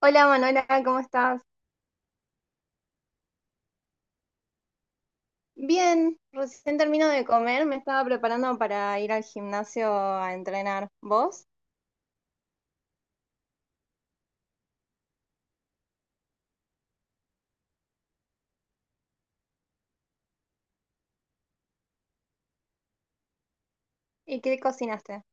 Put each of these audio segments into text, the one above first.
Hola Manuela, ¿cómo estás? Bien, recién termino de comer, me estaba preparando para ir al gimnasio a entrenar. ¿Vos? ¿Y qué cocinaste?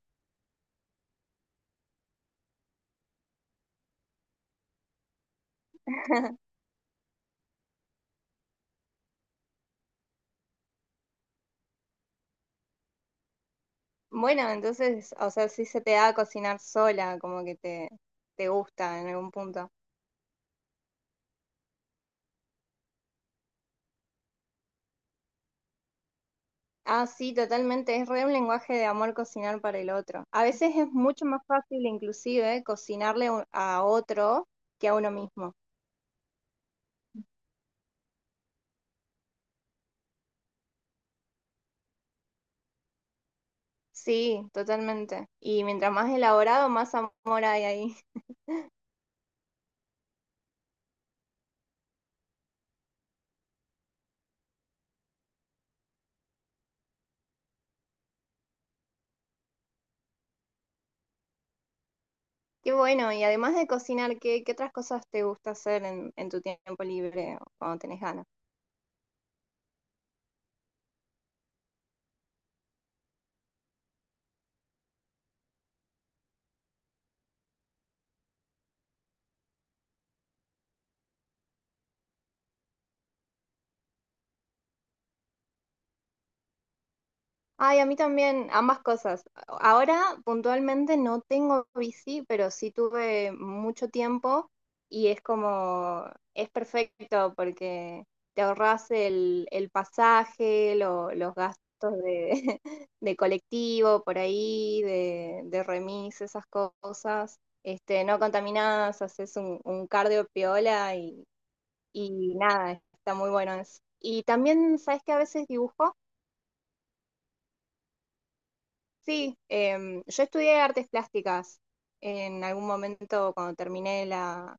Bueno, entonces, o sea, sí se te da cocinar sola, como que te gusta en algún punto. Ah, sí, totalmente, es re un lenguaje de amor cocinar para el otro. A veces es mucho más fácil inclusive cocinarle a otro que a uno mismo. Sí, totalmente. Y mientras más elaborado, más amor hay ahí. Qué bueno, y además de cocinar, ¿qué otras cosas te gusta hacer en tu tiempo libre o cuando tenés ganas? Ay, a mí también, ambas cosas. Ahora puntualmente no tengo bici, pero sí tuve mucho tiempo y es como, es perfecto porque te ahorras el pasaje, los gastos de, de colectivo por ahí, de remis, esas cosas. Este, no contaminás, haces un cardio piola y nada, está muy bueno eso. Y también, ¿sabes que a veces dibujo? Sí, yo estudié artes plásticas en algún momento cuando terminé la,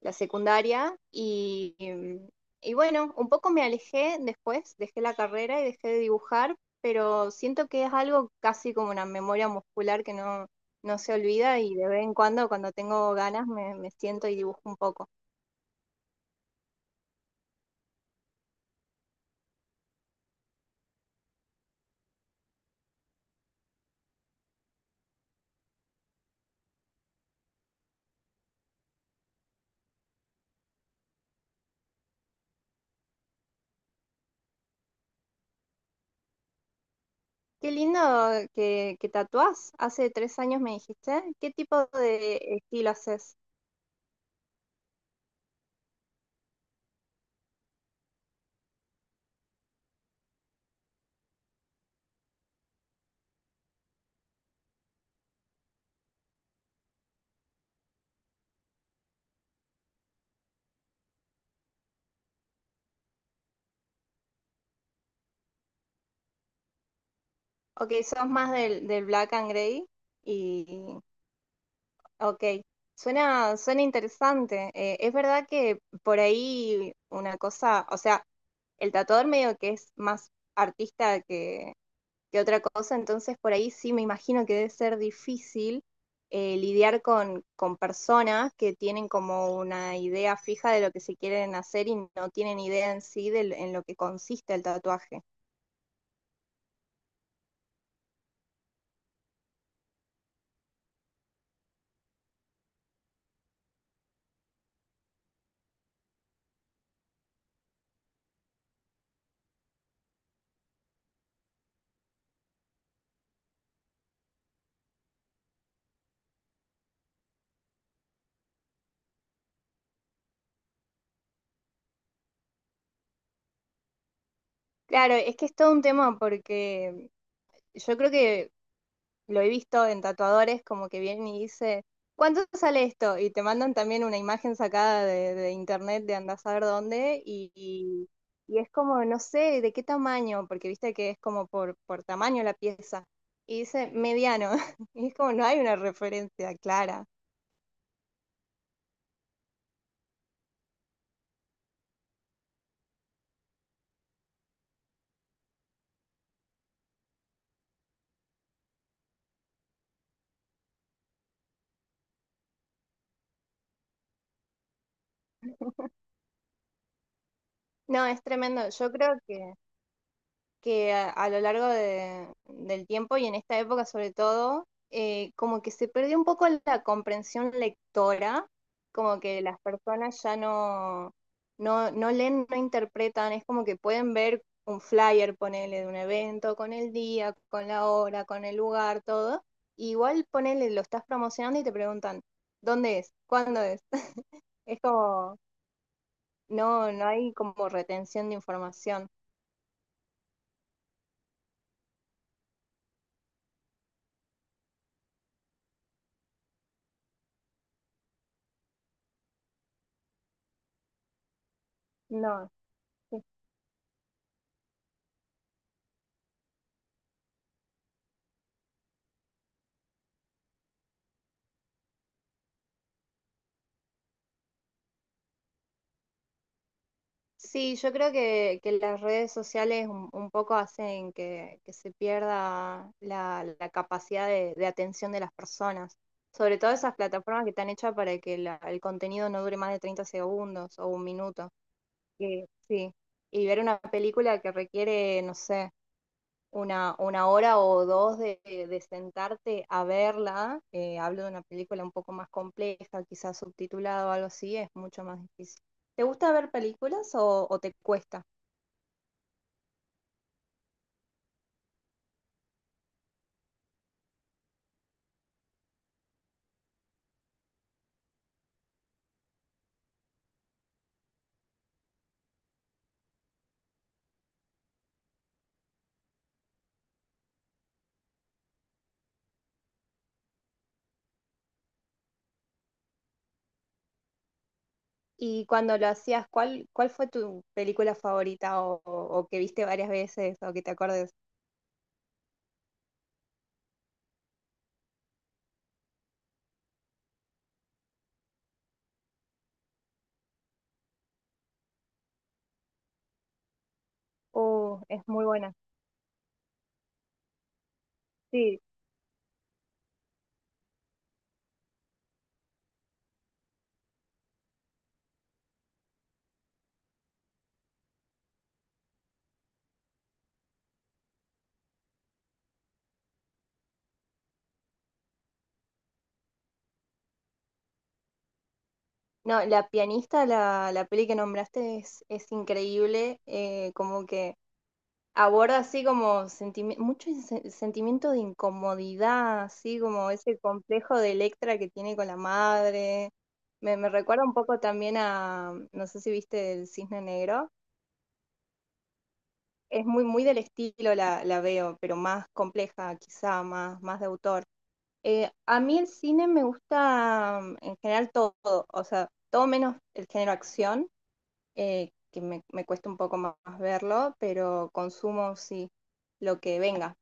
la secundaria y bueno, un poco me alejé después, dejé la carrera y dejé de dibujar, pero siento que es algo casi como una memoria muscular que no se olvida y de vez en cuando, cuando tengo ganas, me siento y dibujo un poco. Qué lindo que tatuás. Hace 3 años me dijiste. ¿Qué tipo de estilo haces? Ok, sos más del black and gray. Y ok, suena interesante. Es verdad que por ahí una cosa, o sea, el tatuador medio que es más artista que otra cosa. Entonces, por ahí sí me imagino que debe ser difícil lidiar con personas que tienen como una idea fija de lo que se quieren hacer y no tienen idea en sí de, en lo que consiste el tatuaje. Claro, es que es todo un tema porque yo creo que lo he visto en tatuadores como que vienen y dice, ¿cuánto sale esto? Y te mandan también una imagen sacada de internet de andar a saber dónde y es como, no sé, de qué tamaño, porque viste que es como por tamaño la pieza. Y dice mediano, y es como no hay una referencia clara. No, es tremendo. Yo creo que a lo largo del tiempo y en esta época sobre todo, como que se perdió un poco la comprensión lectora, como que las personas ya no leen, no interpretan, es como que pueden ver un flyer, ponele, de un evento, con el día, con la hora, con el lugar, todo. Y igual ponele, lo estás promocionando y te preguntan, ¿dónde es? ¿Cuándo es? Es como, no hay como retención de información. No. Sí, yo creo que las redes sociales un poco hacen que se pierda la capacidad de atención de las personas, sobre todo esas plataformas que están hechas para que el contenido no dure más de 30 segundos o 1 minuto. Sí, y ver una película que requiere, no sé, una hora o dos de sentarte a verla, hablo de una película un poco más compleja, quizás subtitulada o algo así, es mucho más difícil. ¿Te gusta ver películas o te cuesta? Y cuando lo hacías, ¿cuál fue tu película favorita o que viste varias veces o que te acuerdes? Oh, es muy buena. Sí. No, La pianista, la peli que nombraste es increíble, como que aborda así como mucho sentimiento de incomodidad, así como ese complejo de Electra que tiene con la madre. Me recuerda un poco también a, no sé si viste El Cisne Negro. Es muy, muy del estilo la veo, pero más compleja, quizá, más, más de autor. A mí el cine me gusta en general todo, o sea, todo menos el género acción, que me cuesta un poco más, más verlo, pero consumo sí lo que venga.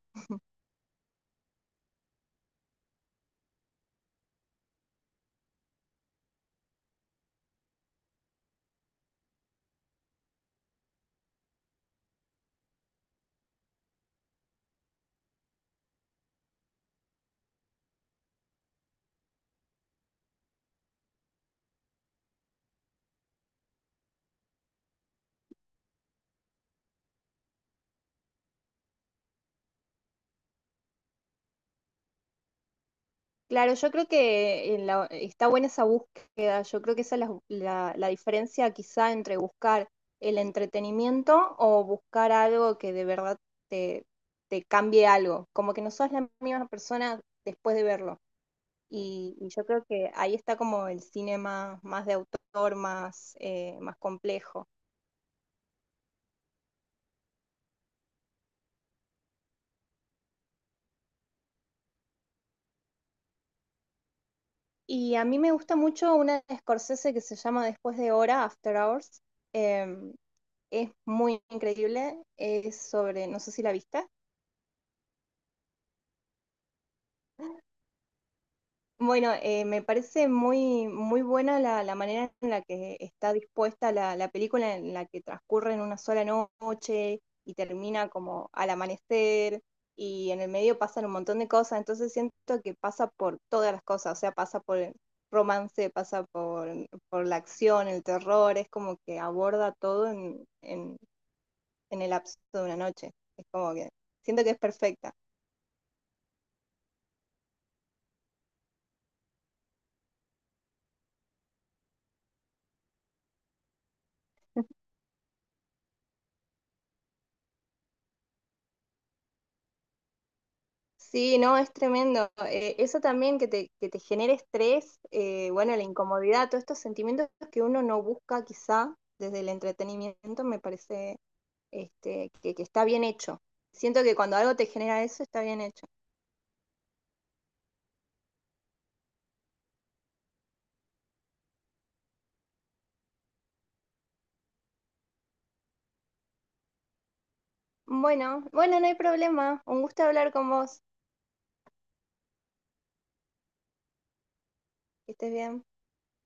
Claro, yo creo que está buena esa búsqueda. Yo creo que esa es la diferencia quizá entre buscar el entretenimiento o buscar algo que de verdad te, te cambie algo. Como que no sos la misma persona después de verlo. Y yo creo que ahí está como el cine más, más de autor, más complejo. Y a mí me gusta mucho una de Scorsese que se llama Después de Hora, After Hours. Eh, es muy increíble. Es sobre, no sé si la viste. Bueno, me parece muy, muy buena la manera en la que está dispuesta la película, en la que transcurre en una sola noche y termina como al amanecer y en el medio pasan un montón de cosas, entonces siento que pasa por todas las cosas, o sea, pasa por el romance, pasa por la acción, el terror, es como que aborda todo en el lapso de una noche, es como que siento que es perfecta. Sí, no, es tremendo. Eso también que te genere estrés, bueno, la incomodidad, todos estos sentimientos que uno no busca quizá desde el entretenimiento, me parece este, que está bien hecho. Siento que cuando algo te genera eso, está bien hecho. Bueno, bueno, no hay problema. Un gusto hablar con vos. Que estés bien.